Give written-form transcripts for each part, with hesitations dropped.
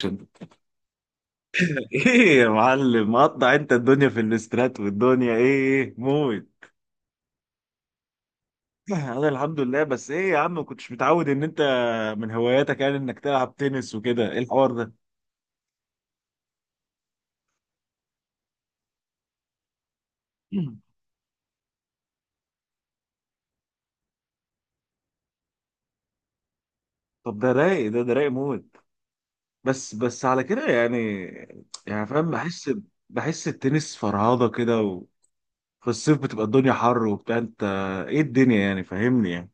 عشان- ايه يا معلم مقطع؟ انت الدنيا في الاسترات والدنيا ايه، موت. انا الحمد لله، بس ايه يا عم، ما كنتش متعود ان انت من هواياتك يعني انك تلعب تنس وكده. ايه الحوار ده؟ طب ده رايق، ده رايق موت، بس بس على كده يعني. يعني فاهم، بحس التنس فرهضة كده. وفي الصيف بتبقى الدنيا حر وبتاع. انت ايه الدنيا يعني، فاهمني يعني؟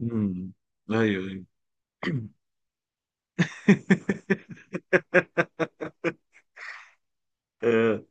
امم. ايوه، ايوه. آه.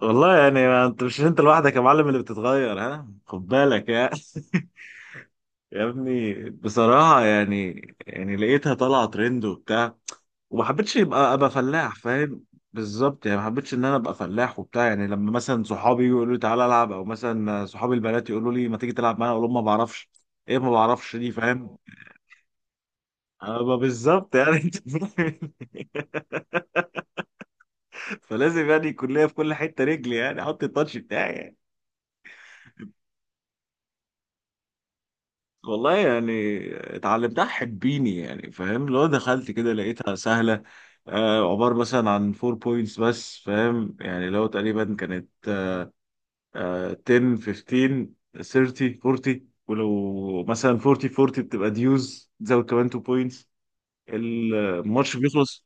والله يعني، ما انت مش انت لوحدك يا معلم اللي بتتغير، ها خد بالك يا يا ابني بصراحة يعني لقيتها طالعة ترند وبتاع وما حبيتش يبقى ابقى فلاح، فاهم؟ بالظبط، يعني ما حبيتش ان انا ابقى فلاح وبتاع. يعني لما مثلا صحابي يقولوا لي تعالى العب، او مثلا صحابي البنات يقولوا لي ما تيجي تلعب معانا، اقول لهم ما بعرفش. ايه ما بعرفش دي، فاهم؟ ابقى بالظبط يعني. انت فاهم؟ فلازم يعني يكون ليا في كل حتة رجلي، يعني احط التاتش بتاعي يعني. والله يعني، اتعلمتها حبيني يعني، فاهم؟ لو دخلت كده لقيتها سهلة. آه، عبارة مثلا عن 4 بوينتس بس، فاهم؟ يعني لو تقريبا كانت آه 10 15 30 40، ولو مثلا 40 40 بتبقى ديوز، تزود كمان 2 بوينتس الماتش بيخلص.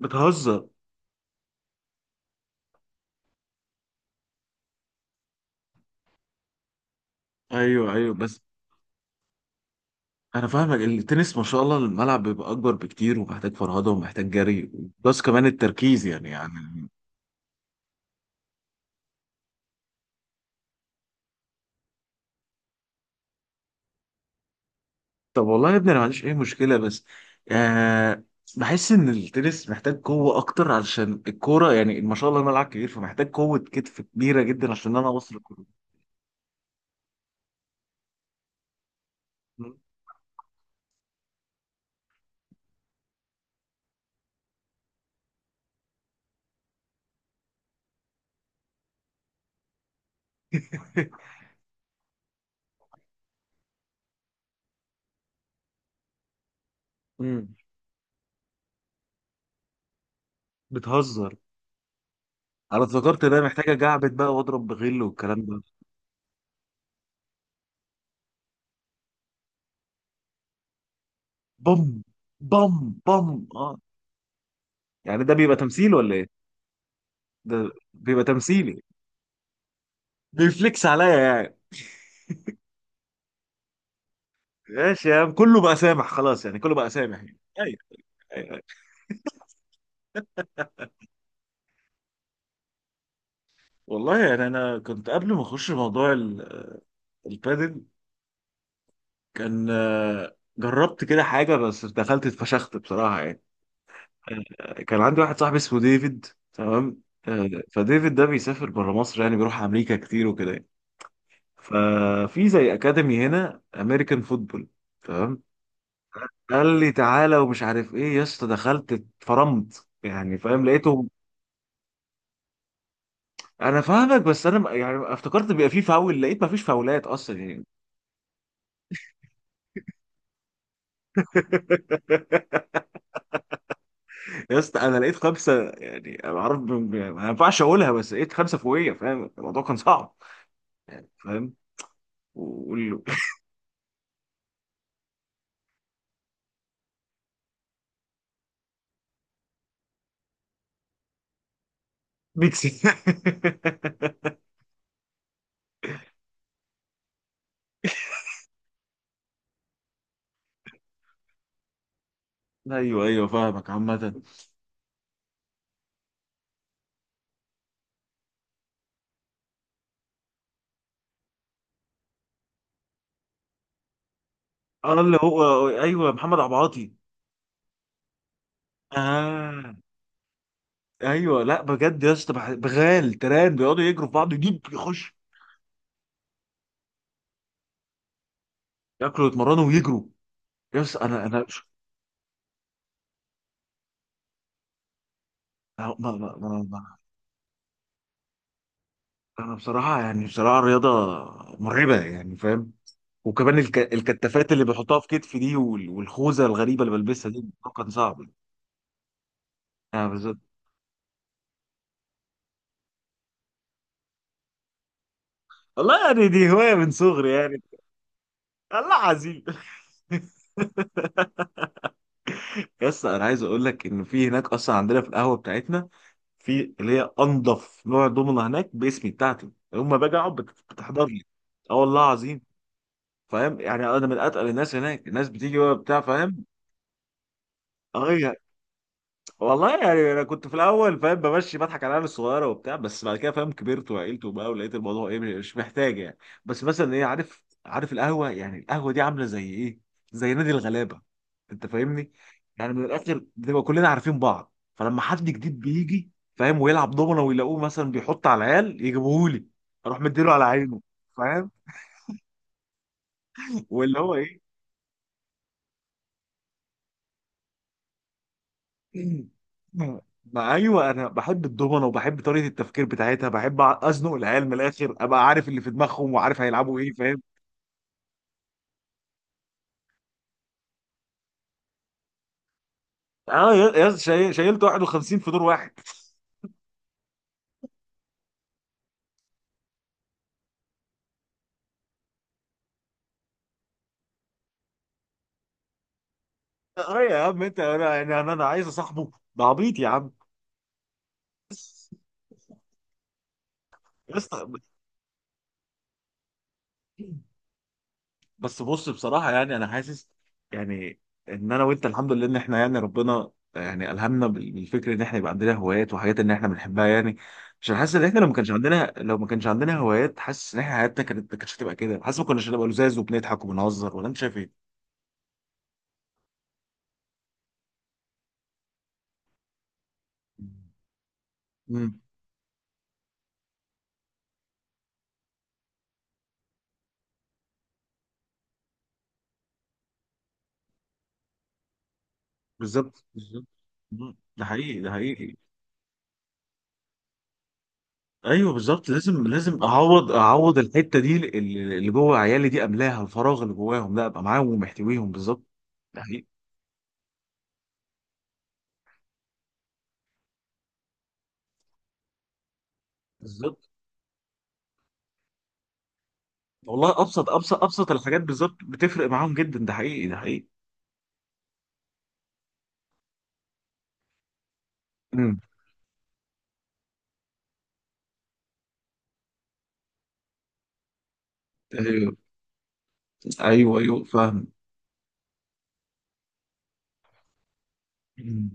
بتهزر؟ ايوه، ايوه، بس. انا فاهمك، التنس ما شاء الله الملعب بيبقى اكبر بكتير ومحتاج فرهده ومحتاج جري، بس كمان التركيز يعني. طب والله يا ابني انا ما عنديش اي مشكله، بس آه، بحس ان التنس محتاج قوه اكتر علشان الكوره، يعني ما شاء الله الملعب كبير، فمحتاج قوه كتف كبيره جدا عشان انا اوصل الكوره. امم. بتهزر؟ انا افتكرت ده محتاجه جعبت بقى واضرب بغل والكلام ده. بم. بم. بم. اه يعني ده بيبقى تمثيل ولا ايه؟ ده بيبقى تمثيلي؟ بيفليكس عليا يعني؟ ماشي يا عم، كله بقى سامح، خلاص يعني، كله بقى سامح يعني. ايوه. أيوة. أيوة. والله يعني انا كنت قبل ما اخش موضوع البادل، كان جربت كده حاجة بس دخلت اتفشخت بصراحة يعني. كان عندي واحد صاحبي اسمه ديفيد. تمام. فديفيد ده بيسافر بره مصر، يعني بيروح أمريكا كتير وكده يعني. ففي زي أكاديمي هنا أمريكان فوتبول. تمام. قال لي تعالى ومش عارف إيه، يا اسطى دخلت اتفرمت يعني، فاهم؟ لقيته. أنا فاهمك، بس يعني افتكرت بيبقى فيه فاول، لقيت مفيش فاولات أصلا يعني. يا اسطى انا لقيت خمسه، يعني انا عارف ما ينفعش اقولها، بس لقيت خمسه فوقيه، فاهم الموضوع كان صعب. فاهم؟ وال- ميكس. ايوه، ايوه، فاهمك عامه. اه اللي هو ايوه محمد عبعاطي. اه. ايوه، لا بجد يا اسطى، بغال تران بيقعدوا يجروا في بعض، يجيب يخش. ياكلوا يتمرنوا ويجروا. يا اسطى، انا. ما ما ما ما- انا بصراحه يعني، بصراحه الرياضه مرعبه يعني، فاهم؟ وكمان الكتافات اللي بيحطوها في كتفي دي، والخوذه الغريبه اللي بلبسها دي، الموضوع كان صعب يعني. بالظبط. والله يعني دي هوايه من صغري يعني. الله عظيم. يس، انا عايز اقول لك ان في هناك اصلا عندنا في القهوه بتاعتنا، في اللي هي انضف نوع دومنه هناك باسمي بتاعتي، يوم باجي اقعد بتحضر لي. اه والله عظيم. فاهم يعني، انا من اتقل الناس هناك، الناس بتيجي بقى بتاع، فاهم؟ اه. والله يعني، انا كنت في الاول فاهم بمشي بضحك على العيال الصغيره وبتاع، بس بعد كده فاهم كبرت وعقلت وبقى، ولقيت الموضوع ايه مش محتاج يعني. بس مثلا ايه، عارف القهوه يعني، القهوه دي عامله زي ايه؟ زي نادي الغلابه. انت فاهمني؟ يعني من الاخر بنبقى كلنا عارفين بعض، فلما حد جديد بيجي فاهم ويلعب دومنه، ويلاقوه مثلا بيحط على العيال يجيبوهولي، اروح مديله على عينه، فاهم؟ واللي هو ايه. ما ايوه، انا بحب الدومنه وبحب طريقه التفكير بتاعتها، بحب ازنق العيال من الاخر، ابقى عارف اللي في دماغهم وعارف هيلعبوا ايه، فاهم؟ اه شايلت 51 في دور واحد. اه يا عم انت، انا يعني انا عايز اصاحبه، ده عبيط يا عم. يا اسطى، بس بص بصراحة يعني أنا حاسس. يعني إن أنا وأنت الحمد لله إن إحنا يعني ربنا يعني ألهمنا بالفكر إن إحنا يبقى عندنا هوايات وحاجات إن إحنا بنحبها يعني. عشان حاسس إن إحنا لو ما كانش عندنا هوايات، حاسس إن إحنا حياتنا كانت ما كانتش هتبقى كده، حاسس ما كناش هنبقى لزاز وبنضحك وبنهزر، ولا أنت شايف إيه؟ امم. بالظبط، بالظبط. مم. ده حقيقي، ده حقيقي. ايوه بالظبط، لازم لازم اعوض اعوض الحته دي اللي جوه عيالي دي، املاها الفراغ اللي جواهم، لا ابقى معاهم ومحتويهم بالظبط. ده حقيقي. بالظبط. والله ابسط ابسط ابسط الحاجات بالظبط، بتفرق معاهم جدا. ده حقيقي، ده حقيقي. امم. ايوه، ايوه. ايوه فاهم. مم.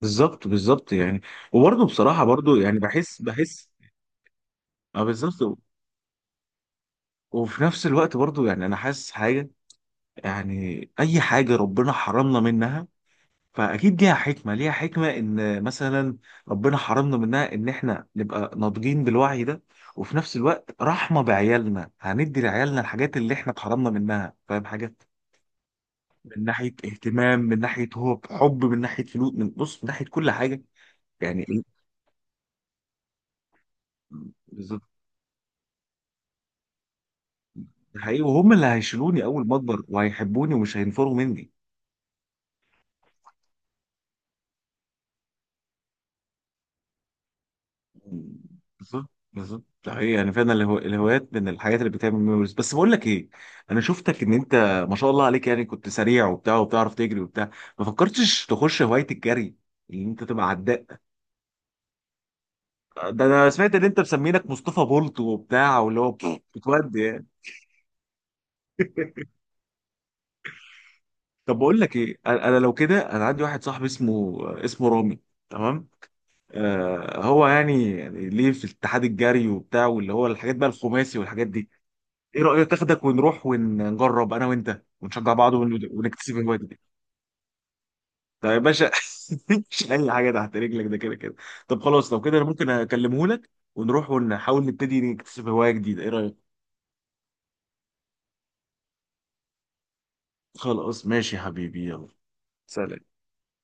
بالظبط، بالظبط يعني. وبرضه بصراحه برضه يعني، بحس. اه بالظبط. وفي نفس الوقت برضه يعني انا حاسس حاجه، يعني اي حاجه ربنا حرمنا منها، فاكيد ليها حكمه، ليها حكمه ان مثلا ربنا حرمنا منها، ان احنا نبقى ناضجين بالوعي ده. وفي نفس الوقت رحمه بعيالنا، هندي لعيالنا الحاجات اللي احنا اتحرمنا منها، فاهم حاجه؟ من ناحيه اهتمام، من ناحيه هو حب، من ناحيه فلوس، من بص، من ناحيه كل حاجه. يعني إيه؟ بالظبط، ده حقيقي. وهم اللي هيشيلوني اول ما اكبر وهيحبوني ومش هينفروا مني. بالظبط، بالظبط. ده حقيقي يعني فعلا الهوايات من الحاجات اللي بتعمل ميموريز. بس بقول لك ايه، انا شفتك ان انت ما شاء الله عليك يعني كنت سريع وبتاع وبتعرف تجري وبتاع، ما فكرتش تخش هوايه الجري؟ ان انت تبقى عداء. ده انا سمعت ان انت مسمينك مصطفى بولت وبتاع واللي هو بتودي. طب بقول لك ايه، انا لو كده، انا عندي واحد صاحبي اسمه رامي. تمام. آه، هو يعني ليه في اتحاد الجري وبتاع، واللي هو الحاجات بقى الخماسي والحاجات دي. ايه رأيك تاخدك ونروح ونجرب انا وانت ونشجع بعض ونكتسب الهوايه دي؟ طب يا باشا. مش اي حاجه تحت رجلك، ده كده كده. طب خلاص، لو كده انا ممكن اكلمه لك، ونروح ونحاول نبتدي نكتسب هوايه جديده. ايه رأيك؟ خلاص ماشي يا حبيبي، يلا. سلام.